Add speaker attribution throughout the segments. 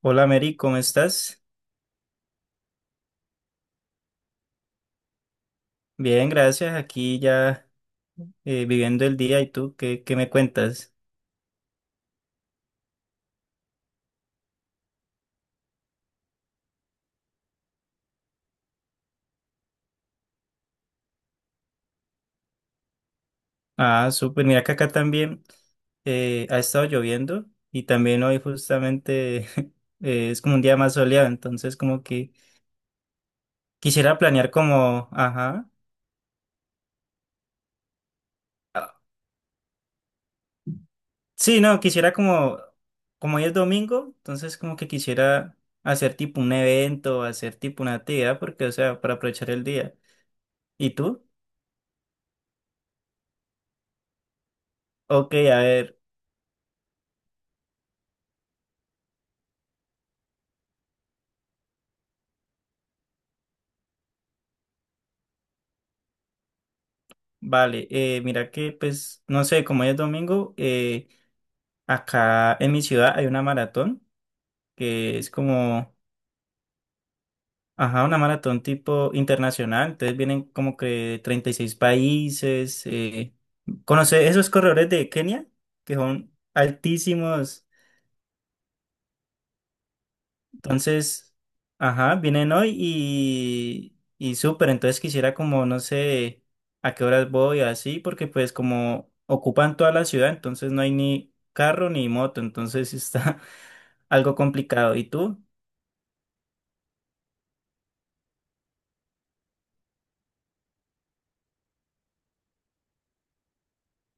Speaker 1: Hola Mary, ¿cómo estás? Bien, gracias. Aquí ya viviendo el día. ¿Y tú qué, me cuentas? Ah, súper. Mira que acá también ha estado lloviendo y también hoy justamente es como un día más soleado. Entonces como que quisiera planear como, ajá. Ah, sí, no, quisiera como, como hoy es domingo, entonces como que quisiera hacer tipo un evento, hacer tipo una actividad, porque o sea, para aprovechar el día. ¿Y tú? Ok, a ver. Vale, mira que pues, no sé, como hoy es domingo, acá en mi ciudad hay una maratón que es como, ajá, una maratón tipo internacional, entonces vienen como que 36 países, conoce esos corredores de Kenia, que son altísimos. Entonces, ajá, vienen hoy y súper, entonces quisiera como, no sé, a qué horas voy, así, porque pues como ocupan toda la ciudad, entonces no hay ni carro ni moto, entonces está algo complicado. ¿Y tú?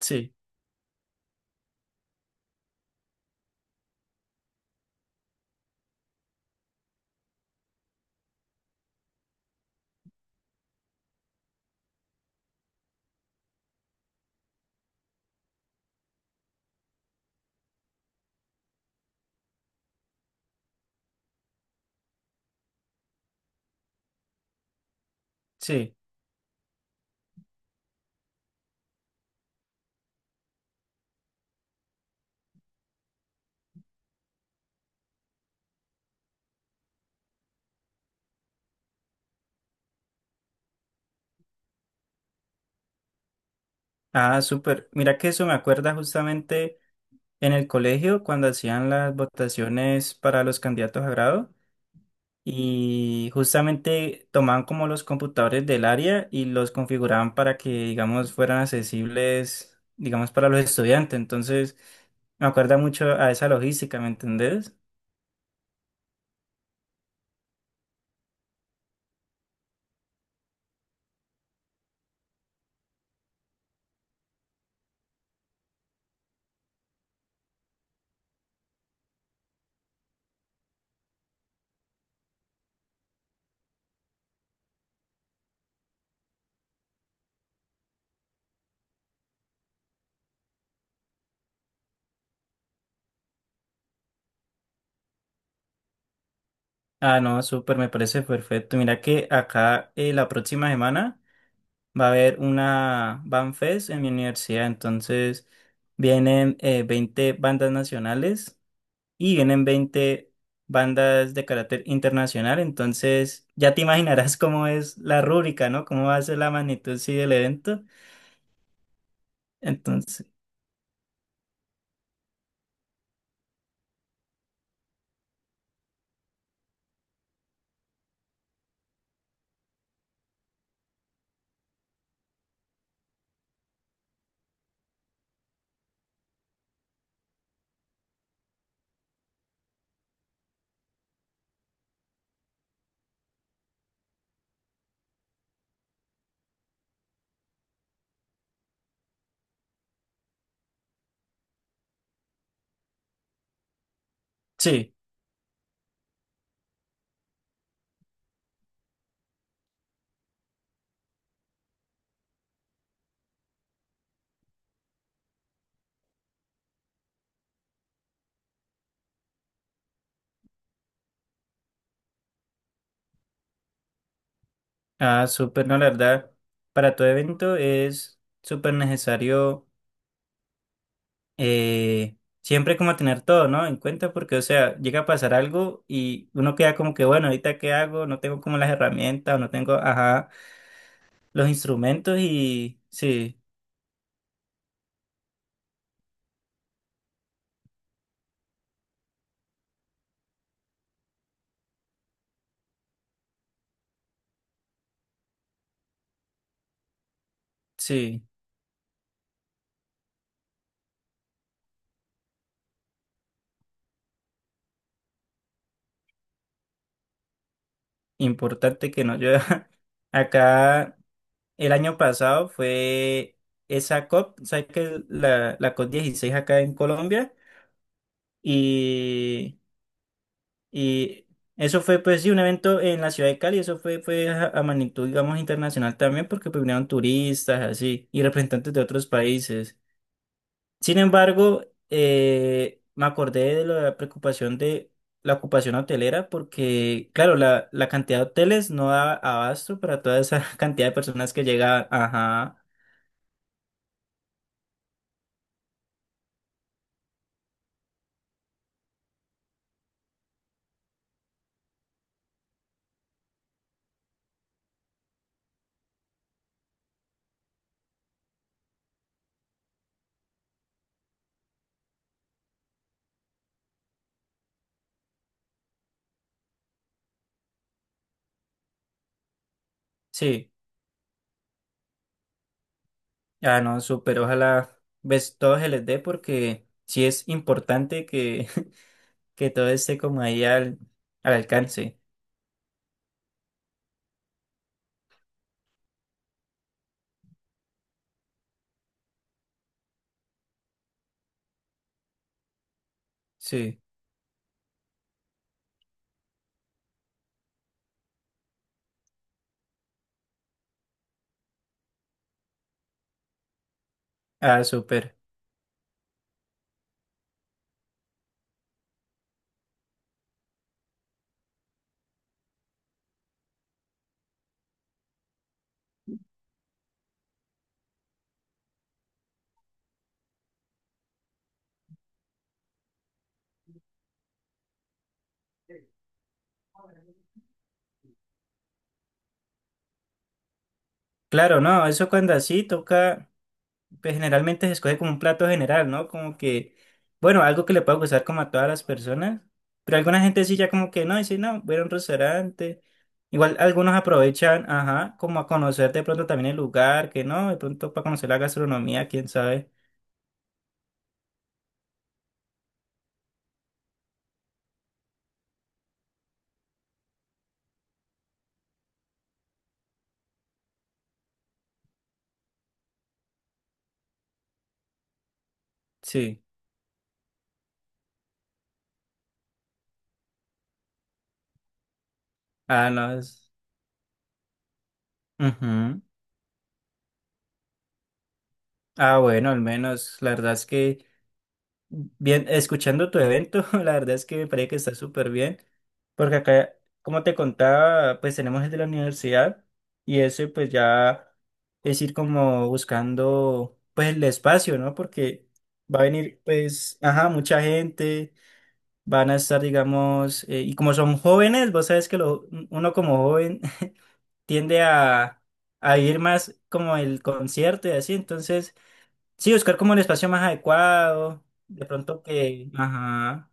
Speaker 1: Sí, sí. Ah, súper. Mira que eso me acuerda justamente en el colegio cuando hacían las votaciones para los candidatos a grado. Y justamente tomaban como los computadores del área y los configuraban para que, digamos, fueran accesibles, digamos, para los estudiantes. Entonces, me acuerda mucho a esa logística, ¿me entendés? Ah, no, súper, me parece perfecto. Mira que acá la próxima semana va a haber una Band Fest en mi universidad. Entonces, vienen 20 bandas nacionales y vienen 20 bandas de carácter internacional, entonces ya te imaginarás cómo es la rúbrica, ¿no? Cómo va a ser la magnitud, sí, del evento. Entonces, sí, ah, súper, no, la verdad, para todo evento es súper necesario eh, siempre como tener todo, ¿no? En cuenta porque, o sea, llega a pasar algo y uno queda como que, bueno, ahorita qué hago, no tengo como las herramientas, o no tengo, ajá, los instrumentos y sí, sí. Importante que no llueva. Acá el año pasado fue esa COP, ¿sabes que la COP 16 acá en Colombia? Y, y eso fue pues sí un evento en la ciudad de Cali, eso fue, fue a magnitud digamos internacional también porque pues, vinieron turistas así y representantes de otros países. Sin embargo, me acordé de la preocupación de la ocupación hotelera porque, claro, la cantidad de hoteles no da abasto para toda esa cantidad de personas que llega. Ajá, sí, ah, no, súper, ojalá ves todo se les dé porque sí es importante que, que todo esté como ahí al, al alcance. Sí, ah, súper. Claro, no, eso cuando así toca. Pues, generalmente se escoge como un plato general, ¿no? Como que, bueno, algo que le pueda gustar como a todas las personas, pero alguna gente sí ya como que no, dice, no, voy a ir a un restaurante. Igual algunos aprovechan, ajá, como a conocer de pronto también el lugar, que no, de pronto para conocer la gastronomía, quién sabe. Sí. Ah, no. Es- ujú. Ah, bueno, al menos, la verdad es que... bien, escuchando tu evento, la verdad es que me parece que está súper bien, porque acá, como te contaba, pues tenemos el de la universidad y ese pues ya es ir como buscando pues el espacio, ¿no? Porque va a venir pues, ajá, mucha gente, van a estar, digamos, y como son jóvenes, vos sabes que lo- uno como joven tiende a ir más como el concierto y así, entonces... sí, buscar como el espacio más adecuado, de pronto que... Ajá.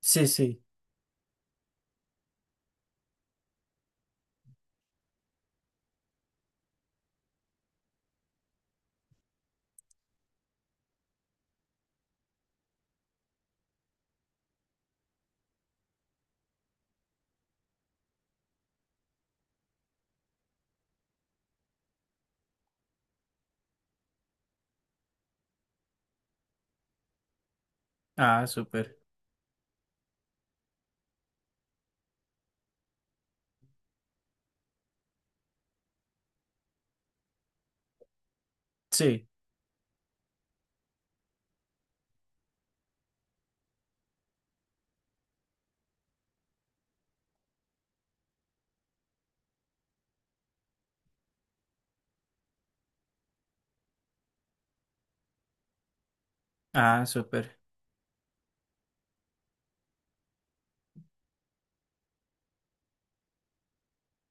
Speaker 1: Sí, sí. Ah, súper. Sí. Ah, súper.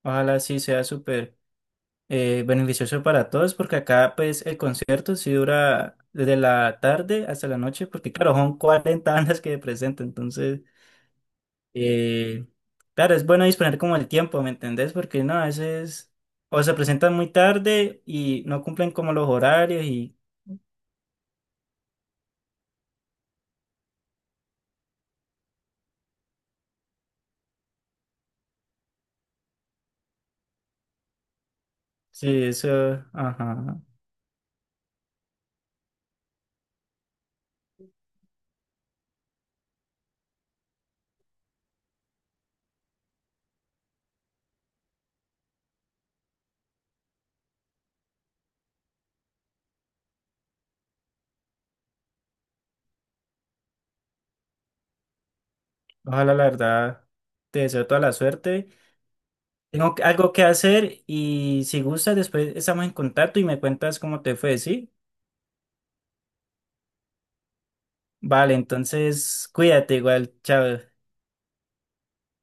Speaker 1: Ojalá sí sea súper beneficioso para todos, porque acá pues el concierto sí dura desde la tarde hasta la noche, porque claro, son 40 bandas que presentan entonces... eh, claro, es bueno disponer como el tiempo, ¿me entendés? Porque no, a veces o se presentan muy tarde y no cumplen como los horarios y... sí, eso, ajá. Ojalá, la verdad, te deseo toda la suerte. Tengo que- algo que hacer y si gustas, después estamos en contacto y me cuentas cómo te fue, ¿sí? Vale, entonces cuídate igual, chao.